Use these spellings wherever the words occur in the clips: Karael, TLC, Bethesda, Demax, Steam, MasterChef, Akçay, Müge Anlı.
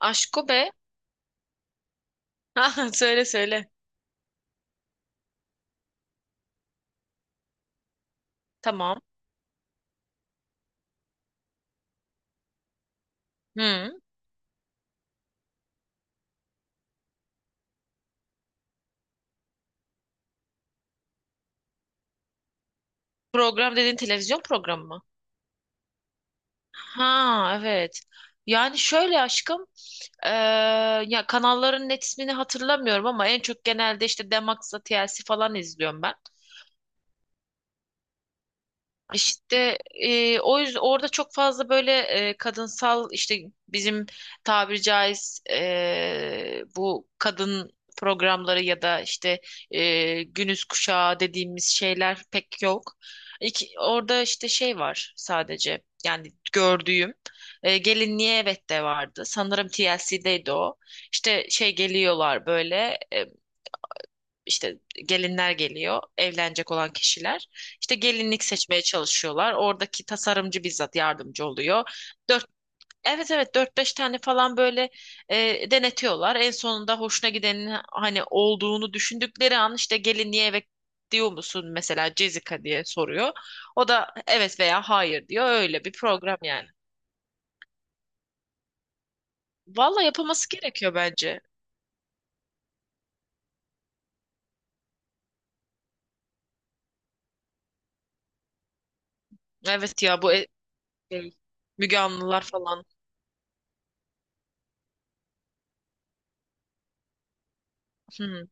Aşko be. Ha, söyle söyle. Tamam. Hı. Program dediğin televizyon programı mı? Ha, evet. Yani şöyle aşkım, eee, ya kanalların net ismini hatırlamıyorum ama en çok genelde işte Demax'la TLC falan izliyorum ben. İşte o yüzden orada çok fazla böyle kadınsal işte bizim tabiri caiz bu kadın programları ya da işte günüz kuşağı dediğimiz şeyler pek yok. İki, orada işte şey var sadece yani gördüğüm gelinliğe evet de vardı. Sanırım TLC'deydi o. İşte şey geliyorlar böyle işte gelinler geliyor, evlenecek olan kişiler. İşte gelinlik seçmeye çalışıyorlar. Oradaki tasarımcı bizzat yardımcı oluyor. Dört, evet evet dört beş tane falan böyle denetiyorlar. En sonunda hoşuna gidenin hani olduğunu düşündükleri an işte gelinliğe eve diyor musun mesela Jessica diye soruyor. O da evet veya hayır diyor. Öyle bir program yani. Valla yapılması gerekiyor bence. Evet, ya bu şey, Müge Anlılar falan. Hmm.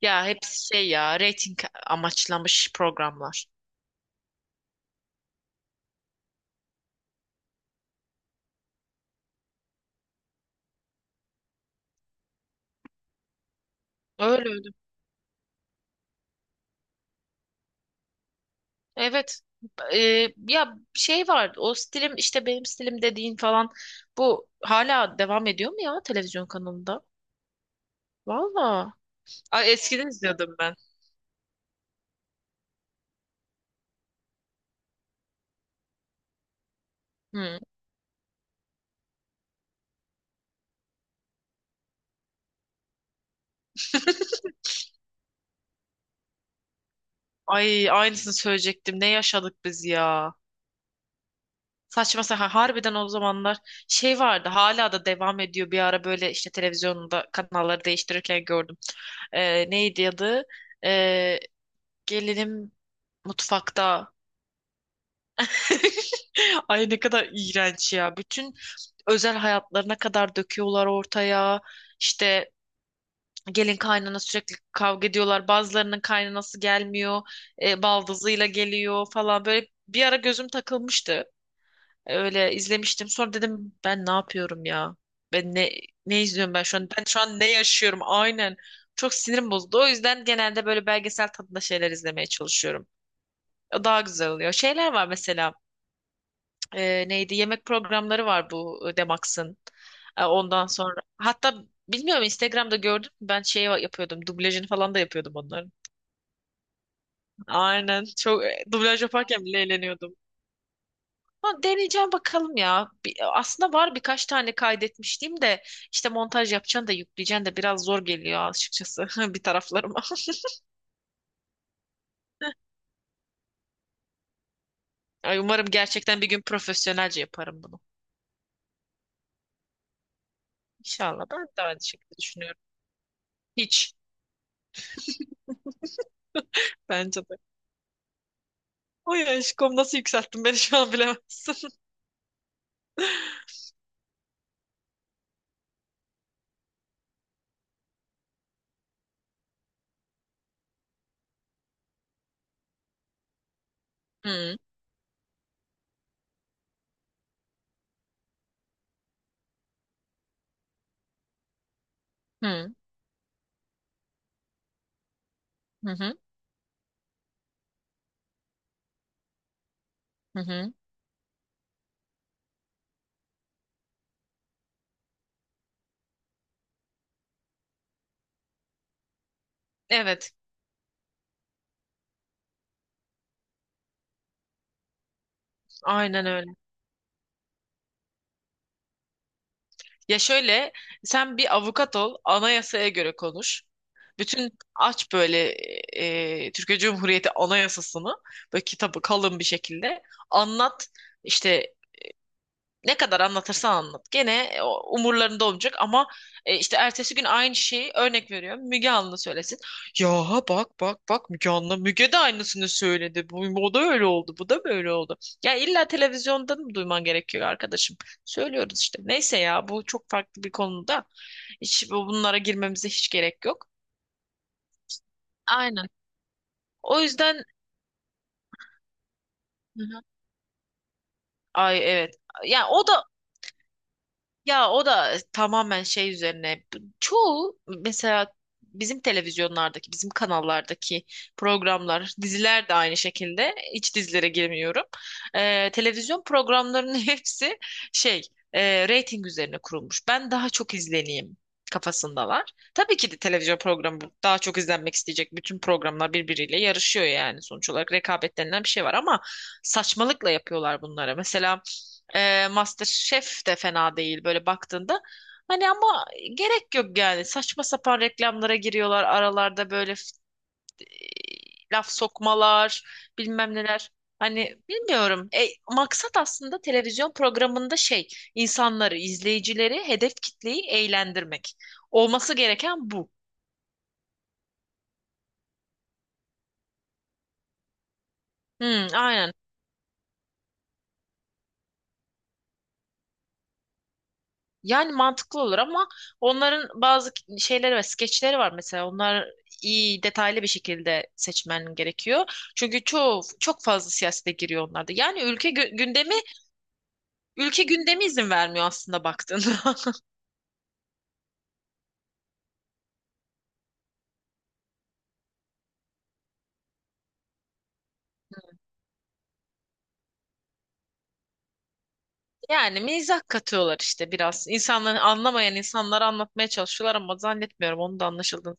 Ya hepsi şey, ya reyting amaçlamış programlar. Öyle öyle. Evet. Ya şey var, o stilim işte benim stilim dediğin falan, bu hala devam ediyor mu ya televizyon kanalında? Valla. Ay, eskiden izliyordum ben. Hı. Ay, aynısını söyleyecektim. Ne yaşadık biz ya. Saçma sapan harbiden o zamanlar şey vardı hala da devam ediyor, bir ara böyle işte televizyonda kanalları değiştirirken gördüm. Neydi adı? Ee, Gelinim mutfakta. Ay ne kadar iğrenç ya. Bütün özel hayatlarına kadar döküyorlar ortaya. İşte gelin kaynana sürekli kavga ediyorlar. Bazılarının kaynanası gelmiyor. E, baldızıyla geliyor falan. Böyle bir ara gözüm takılmıştı. E, öyle izlemiştim. Sonra dedim ben ne yapıyorum ya? Ben ne izliyorum ben şu an? Ben şu an ne yaşıyorum? Aynen. Çok sinirim bozuldu. O yüzden genelde böyle belgesel tadında şeyler izlemeye çalışıyorum. O daha güzel oluyor. Şeyler var mesela, neydi, yemek programları var bu Demax'ın. Ondan sonra hatta bilmiyorum, Instagram'da gördüm, ben şey yapıyordum, dublajını falan da yapıyordum onların. Aynen, çok dublaj yaparken bile eğleniyordum. Ama deneyeceğim bakalım ya. Aslında var, birkaç tane kaydetmiştim de işte montaj yapacaksın da yükleyeceksin de biraz zor geliyor açıkçası bir taraflarıma. Ay, umarım gerçekten bir gün profesyonelce yaparım bunu. İnşallah, ben de aynı şekilde düşünüyorum. Hiç. Bence de. Oy aşkım, nasıl yükselttin beni şu an bilemezsin. Hı hı, hı hı. Hı hı. Evet, aynen öyle. Ya şöyle, sen bir avukat ol, anayasaya göre konuş. Bütün aç böyle Türkiye Cumhuriyeti Anayasasını, böyle kitabı kalın bir şekilde anlat. İşte ne kadar anlatırsan anlat. Gene o umurlarında olmayacak ama işte ertesi gün aynı şeyi örnek veriyorum. Müge Anlı söylesin. Ya bak bak bak, Müge Anlı. Müge de aynısını söyledi. Bu, o da öyle oldu. Bu da böyle oldu. Ya illa televizyondan mı duyman gerekiyor arkadaşım? Söylüyoruz işte. Neyse ya, bu çok farklı bir konuda. Hiç bunlara girmemize hiç gerek yok. Aynen. O yüzden hı hı. Ay evet. Ya o da, ya o da tamamen şey üzerine. Çoğu mesela, bizim televizyonlardaki, bizim kanallardaki programlar, diziler de aynı şekilde. İç dizilere girmiyorum. Televizyon programlarının hepsi şey, reyting üzerine kurulmuş. Ben daha çok izleneyim kafasındalar. Tabii ki de televizyon programı daha çok izlenmek isteyecek. Bütün programlar birbiriyle yarışıyor yani, sonuç olarak rekabet denilen bir şey var ama saçmalıkla yapıyorlar bunları. Mesela MasterChef de fena değil böyle baktığında. Hani ama gerek yok yani. Saçma sapan reklamlara giriyorlar aralarda böyle e, laf sokmalar, bilmem neler. Hani bilmiyorum. E, maksat aslında televizyon programında şey, insanları, izleyicileri, hedef kitleyi eğlendirmek. Olması gereken bu. Hmm, aynen. Yani mantıklı olur ama onların bazı şeyleri ve skeçleri var mesela. Onlar iyi detaylı bir şekilde seçmen gerekiyor. Çünkü çok çok fazla siyasete giriyor onlarda. Yani ülke gündemi, ülke gündemi izin vermiyor aslında baktığında. Yani mizah katıyorlar işte biraz. İnsanları anlamayan insanlara anlatmaya çalışıyorlar ama zannetmiyorum onu da anlaşıldığını.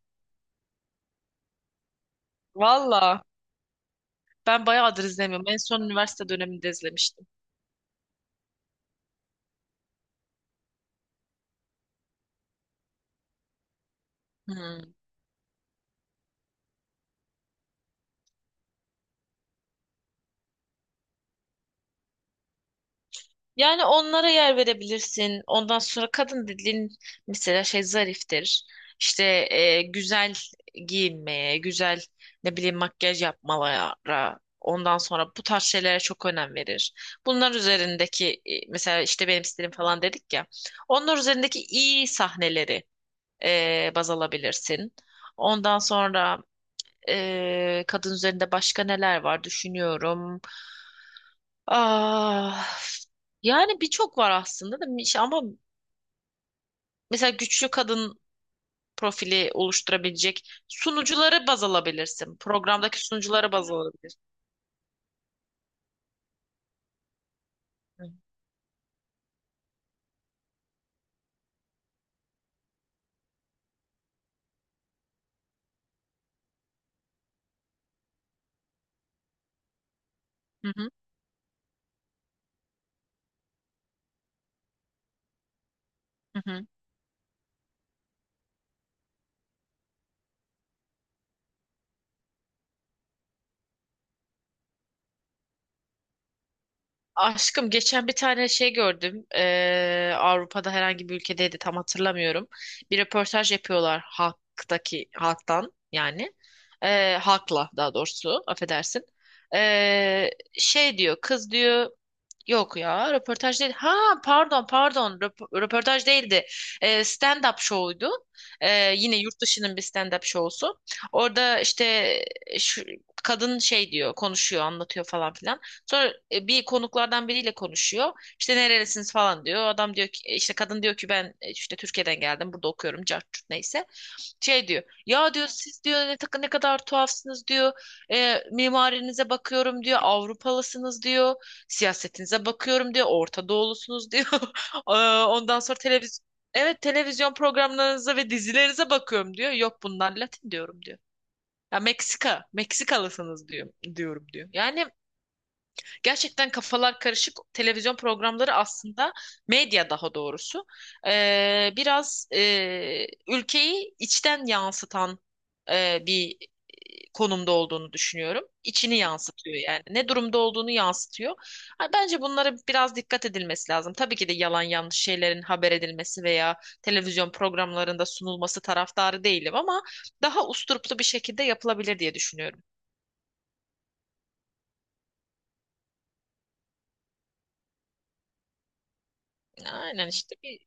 Valla ben bayağıdır izlemiyorum. En son üniversite döneminde izlemiştim. Hmm. Yani onlara yer verebilirsin. Ondan sonra kadın dediğin, mesela şey, zariftir. İşte güzel giyinmeye, güzel, ne bileyim, makyaj yapmalara, ondan sonra bu tarz şeylere çok önem verir. Bunlar üzerindeki mesela işte benim stilim falan dedik ya. Onlar üzerindeki iyi sahneleri baz alabilirsin. Ondan sonra kadın üzerinde başka neler var düşünüyorum. Ah, yani birçok var aslında da, İşte ama mesela güçlü kadın profili oluşturabilecek sunucuları baz alabilirsin. Programdaki sunucuları baz alabilirsin. Hı hı, hı hı. Aşkım, geçen bir tane şey gördüm. Avrupa'da herhangi bir ülkedeydi, tam hatırlamıyorum. Bir röportaj yapıyorlar halktaki, halktan yani. Halkla daha doğrusu, affedersin. Ee, şey diyor kız, diyor, yok ya röportaj değil. Ha, pardon pardon, röportaj değildi. Stand-up show'ydu. Yine yurt dışının bir stand-up show'su. Orada işte şu, kadın şey diyor, konuşuyor, anlatıyor falan filan. Sonra bir konuklardan biriyle konuşuyor. İşte nerelisiniz falan diyor. Adam diyor ki, işte kadın diyor ki ben işte Türkiye'den geldim, burada okuyorum, cart curt neyse. Şey diyor, ya diyor siz diyor ne, ne kadar tuhafsınız diyor. "E, mimarinize bakıyorum diyor, Avrupalısınız diyor, siyasetinize bakıyorum diyor, Orta Doğulusunuz diyor. Ee, ondan sonra evet, televizyon programlarınıza ve dizilerinize bakıyorum diyor, yok bunlar Latin diyorum diyor, ya Meksika, Meksikalısınız diyor, diyorum diyor, yani. Gerçekten kafalar karışık televizyon programları, aslında medya daha doğrusu, biraz ülkeyi içten yansıtan bir konumda olduğunu düşünüyorum. İçini yansıtıyor yani, ne durumda olduğunu yansıtıyor. Ha, bence bunlara biraz dikkat edilmesi lazım. Tabii ki de yalan yanlış şeylerin haber edilmesi veya televizyon programlarında sunulması taraftarı değilim ama daha usturuplu bir şekilde yapılabilir diye düşünüyorum. Aynen işte bir,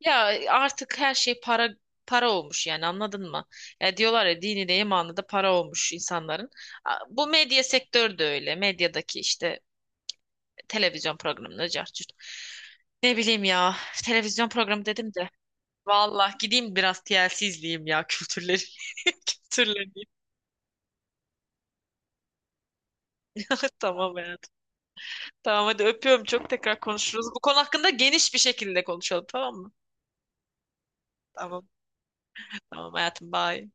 ya artık her şey para, para olmuş yani, anladın mı? Ya diyorlar ya, dini de imanı da para olmuş insanların. Bu medya sektörü de öyle. Medyadaki işte televizyon programları cart, ne bileyim ya, televizyon programı dedim de. Vallahi gideyim biraz TLC izleyeyim ya kültürleri. Kültürleneyim. Tamam hayatım. Tamam hadi, öpüyorum, çok tekrar konuşuruz. Bu konu hakkında geniş bir şekilde konuşalım, tamam mı? Tamam. Tamam hayatım, bye.